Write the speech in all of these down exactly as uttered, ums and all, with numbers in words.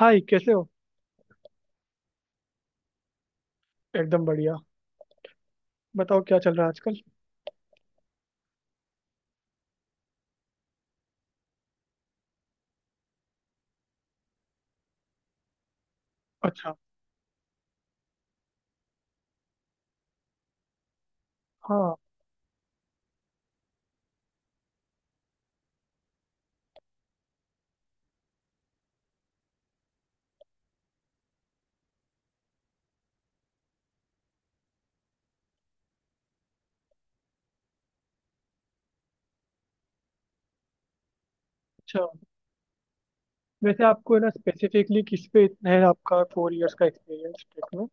हाय, कैसे हो। एकदम बढ़िया। बताओ, क्या चल रहा है आजकल। अच्छा। हाँ। अच्छा, वैसे आपको है ना स्पेसिफिकली किस पे इतना है आपका फोर इयर्स का एक्सपीरियंस टेक में।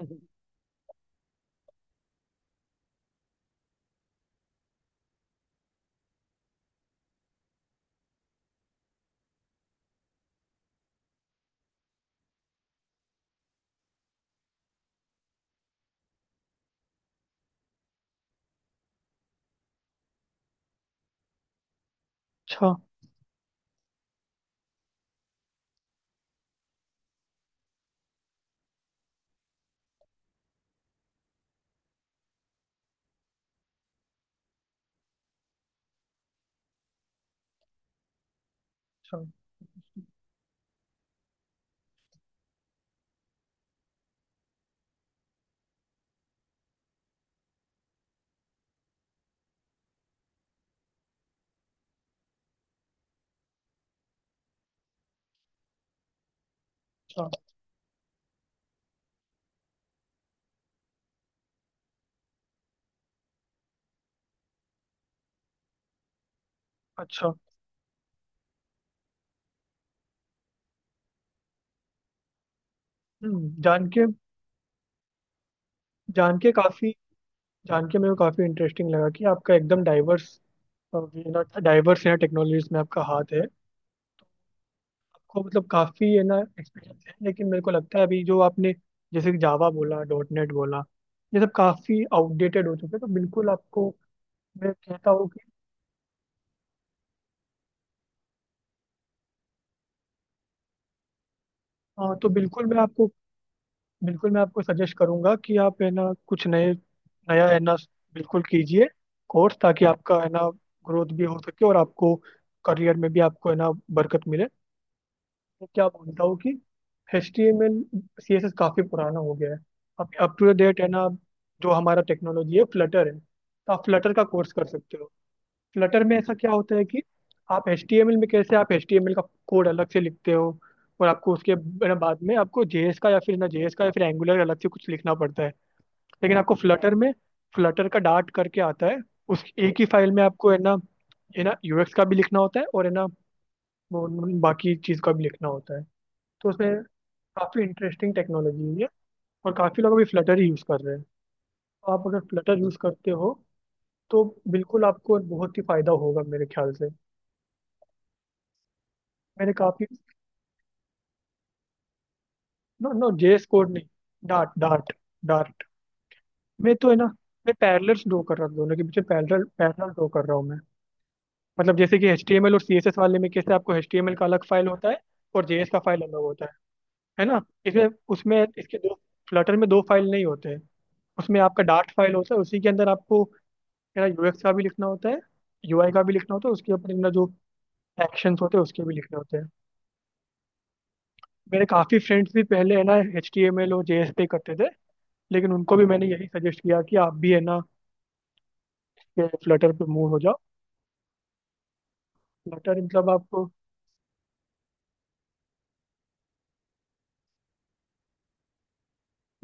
हम्म। अच्छा। अच्छा। अच्छा। अच्छा। हम्म जान के जान के काफ़ी जान के मेरे को काफ़ी इंटरेस्टिंग लगा कि आपका एकदम डाइवर्स ना, डाइवर्स है, टेक्नोलॉजीज में आपका हाथ है। आपको मतलब काफ़ी है ना एक्सपीरियंस है, लेकिन मेरे को लगता है अभी जो आपने जैसे जावा बोला, डॉट नेट बोला, ये सब काफ़ी आउटडेटेड हो चुके हैं। तो बिल्कुल आपको मैं कहता हूँ कि हाँ, तो बिल्कुल मैं आपको बिल्कुल मैं आपको सजेस्ट करूंगा कि आप है ना कुछ नए, नया है ना, बिल्कुल कीजिए कोर्स, ताकि आपका है ना ग्रोथ भी हो सके और आपको करियर में भी आपको है ना बरकत मिले। तो क्या बोलता हूँ कि H T M L C S S काफ़ी पुराना हो गया है। अब अप टू डेट है ना जो हमारा टेक्नोलॉजी है फ्लटर है, तो आप फ्लटर का कोर्स कर सकते हो। फ्लटर में ऐसा क्या होता है कि आप एच टी एम एल में, कैसे आप एच टी एम एल का कोड अलग से लिखते हो और आपको उसके ना बाद में आपको जे एस का, या फिर ना जे एस का या फिर एंगुलर अलग से कुछ लिखना पड़ता है, लेकिन आपको फ्लटर में फ्लटर का डार्ट करके आता है। उस एक ही फाइल में आपको है ना, है ना यूएक्स का भी लिखना होता है, और है ना वो बाकी चीज़ का भी लिखना होता है। तो उसमें काफ़ी इंटरेस्टिंग टेक्नोलॉजी है ये, और काफ़ी लोग अभी फ्लटर ही यूज़ कर रहे हैं। तो आप अगर फ्लटर यूज़ करते हो तो बिल्कुल आपको बहुत ही फायदा होगा मेरे ख्याल से। मैंने काफ़ी नो नो, जेएस कोड नहीं, डार्ट डार्ट डार्ट। मैं तो है ना, मैं पैरेलल ड्रॉ कर रहा हूँ दोनों के बीच में, पैरेलल पैरेलल ड्रॉ कर रहा हूँ मैं। मतलब जैसे कि एचटीएमएल और सीएसएस वाले में कैसे आपको एचटीएमएल का अलग फाइल होता है और जेएस का फाइल अलग होता है है ना। इसमें उसमें इसके दो, फ्लटर में दो फाइल नहीं होते हैं। उसमें आपका डार्ट फाइल होता है, उसी के अंदर आपको मेरा यूएक्स का भी लिखना होता है, यूआई का भी लिखना होता है, उसके अपने अंदर जो एक्शंस होते हैं उसके भी लिखने होते हैं। मेरे काफ़ी फ्रेंड्स भी पहले है ना एचटीएमएल और जेएस पे करते थे, लेकिन उनको भी मैंने यही सजेस्ट किया कि आप भी है ना के फ्लटर पे मूव हो जाओ। फ्लटर मतलब आप,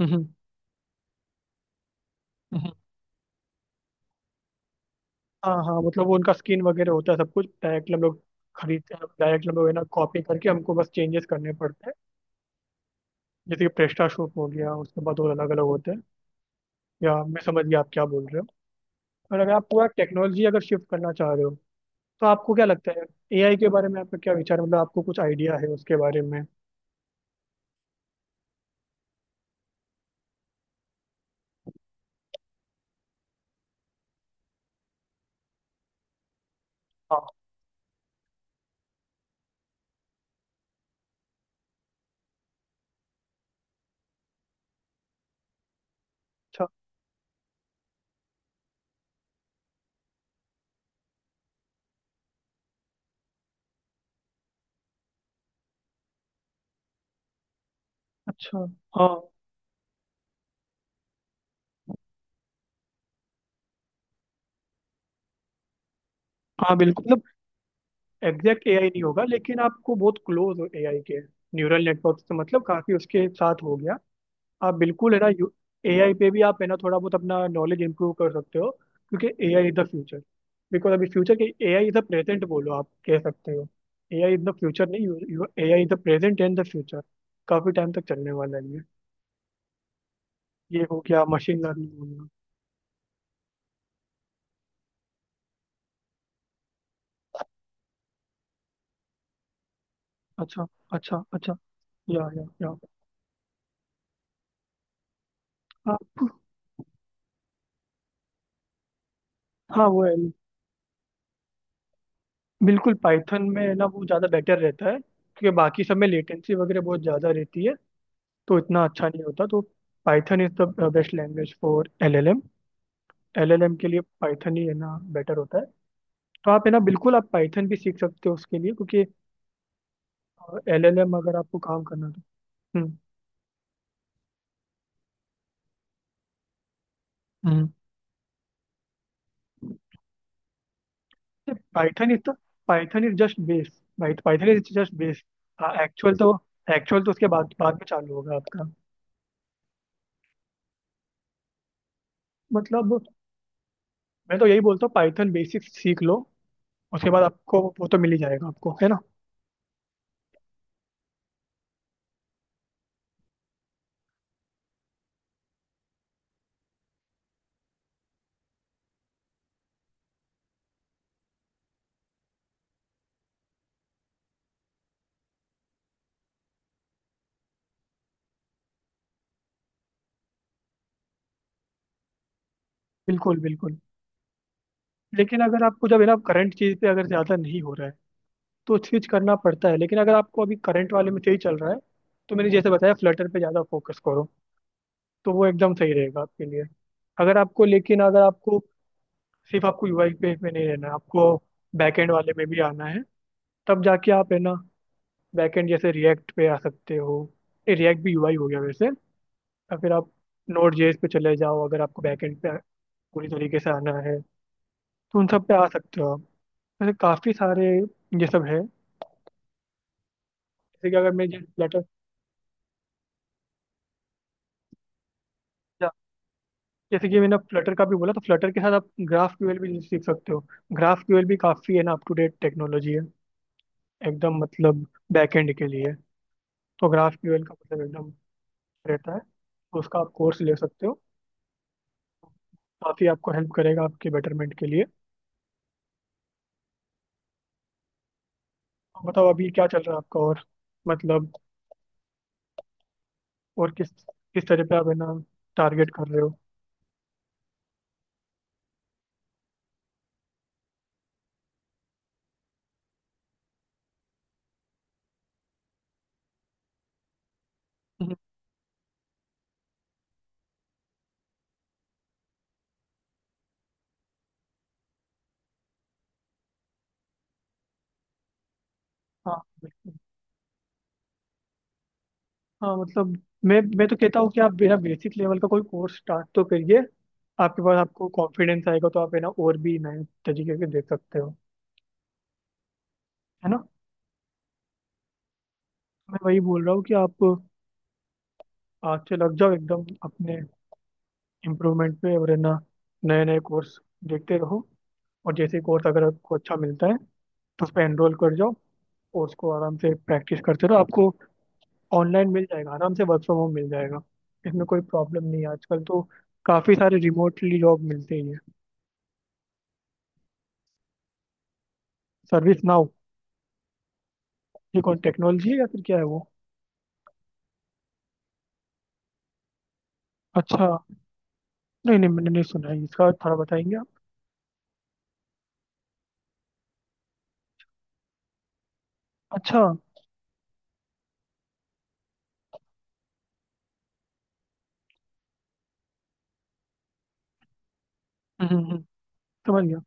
हम्म, हम्म, हाँ हाँ, मतलब वो उनका स्किन वगैरह होता है सब कुछ, डायरेक्ट हम लोग खरीदते हैं, डायरेक्ट हम लोग है ना कॉपी करके हमको बस चेंजेस करने पड़ते हैं। जैसे कि प्रेस्टा शूट हो गया, उसके बाद और अलग अलग होते हैं। या, मैं समझ गया आप क्या बोल रहे हो। और अगर आप पूरा टेक्नोलॉजी अगर शिफ्ट करना चाह रहे हो तो आपको क्या लगता है एआई के बारे में आपका क्या विचार है? मतलब आपको कुछ आइडिया है उसके बारे में। हाँ। अच्छा, अच्छा। हाँ। हाँ बिल्कुल, मतलब एग्जैक्ट एआई नहीं होगा, लेकिन आपको बहुत क्लोज हो एआई के, न्यूरल नेटवर्क से मतलब काफी उसके साथ हो गया। आप बिल्कुल है ना एआई पे भी आप है ना थोड़ा बहुत अपना नॉलेज इंप्रूव कर सकते हो, क्योंकि AI is the future. Because अभी फ्यूचर के, एआई इज द प्रेजेंट बोलो आप कह सकते हो, एआई इज द फ्यूचर नहीं, AI is the present and the future. काफी टाइम तक चलने वाला है ये ये हो गया मशीन लर्निंग हो गया। अच्छा, अच्छा अच्छा, या या या। हाँ हाँ वो है, बिल्कुल पाइथन में है ना वो ज़्यादा बेटर रहता है, क्योंकि बाकी सब में लेटेंसी वगैरह बहुत ज़्यादा रहती है, तो इतना अच्छा नहीं होता तो। Python is the best language for LLM. LLM के लिए पाइथन ही है ना बेटर होता है। तो आप है ना बिल्कुल आप पाइथन भी सीख सकते हो उसके लिए, क्योंकि एलएलएम अगर आपको काम करना है तो। Hmm. Hmm Python is the Python is just base Python is just base. Actual तो एक्चुअल तो उसके बाद, बाद में चालू होगा आपका। मतलब मैं तो यही बोलता हूँ पाइथन बेसिक्स सीख लो, उसके बाद आपको वो तो मिल ही जाएगा आपको है ना। बिल्कुल बिल्कुल। लेकिन अगर आपको जब है ना करंट चीज़ पे अगर ज़्यादा नहीं हो रहा है तो स्विच करना पड़ता है, लेकिन अगर आपको अभी करंट वाले में सही चल रहा है तो मैंने जैसे बताया फ्लटर पे ज़्यादा फोकस करो, तो वो एकदम सही रहेगा आपके लिए। अगर आपको, लेकिन अगर आपको सिर्फ आपको यूआई पे में नहीं रहना है, आपको बैकएंड वाले में भी आना है, तब जाके आप है ना बैकएंड जैसे रिएक्ट पे आ सकते हो, रिएक्ट भी यूआई हो गया वैसे, या फिर आप नोड जेएस पे चले जाओ। अगर आपको बैकएंड पे पूरी तरीके से आना है तो उन सब पे आ सकते हो आप। वैसे काफ़ी सारे ये सब है। जैसे कि अगर मैं जैसे फ्लटर जैसे कि मैंने फ्लटर का भी बोला, तो फ्लटर के साथ आप ग्राफ क्यूएल भी सीख सकते हो। ग्राफ क्यूएल भी काफ़ी है ना अप टू डेट टेक्नोलॉजी है, एकदम मतलब बैकएंड के लिए। तो ग्राफ क्यूएल का मतलब एकदम रहता है, तो उसका आप कोर्स ले सकते हो, काफ़ी आपको हेल्प करेगा आपके बेटरमेंट के लिए। और बताओ, अभी क्या चल रहा है आपका, और मतलब और किस किस तरह पे आप है ना टारगेट कर रहे हो। हम्म। हाँ बिल्कुल। हाँ मतलब मैं मैं तो कहता हूँ कि आप बिना बेसिक लेवल का कोई कोर्स स्टार्ट तो करिए, आपके पास आपको कॉन्फिडेंस आएगा तो आप है ना और भी नए तरीके के देख सकते हो, है ना। मैं वही बोल रहा हूँ कि आप आज से लग जाओ एकदम अपने इम्प्रूवमेंट पे, और है ना नए नए कोर्स देखते रहो, और जैसे कोर्स अगर आपको अच्छा मिलता है तो उस पर एनरोल कर जाओ और उसको आराम से प्रैक्टिस करते रहो। आपको ऑनलाइन मिल जाएगा आराम से, वर्क फ्रॉम होम मिल जाएगा, इसमें कोई प्रॉब्लम नहीं है आजकल तो, काफ़ी सारे रिमोटली जॉब मिलते ही हैं। सर्विस ना, ये कौन टेक्नोलॉजी है या फिर क्या है वो। अच्छा। नहीं नहीं, मैंने नहीं सुना है इसका, थोड़ा बताएंगे आप। अच्छा, हम्म, हम्म, हम्म, समझ गया।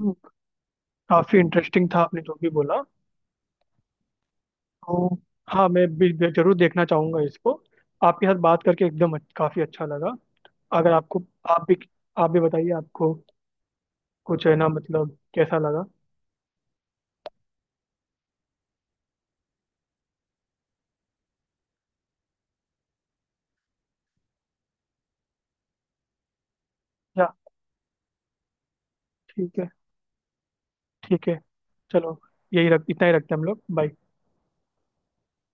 हम्म, काफी इंटरेस्टिंग था आपने जो भी बोला। तो हाँ, मैं भी भी जरूर देखना चाहूंगा इसको। आपके साथ बात करके एकदम अच्छ-, काफी अच्छा लगा। अगर आपको, आप भी आप भी बताइए आपको कुछ है ना मतलब कैसा लगा। या ठीक है, ठीक है, चलो, यही रख इतना ही रखते हैं हम लोग। बाय।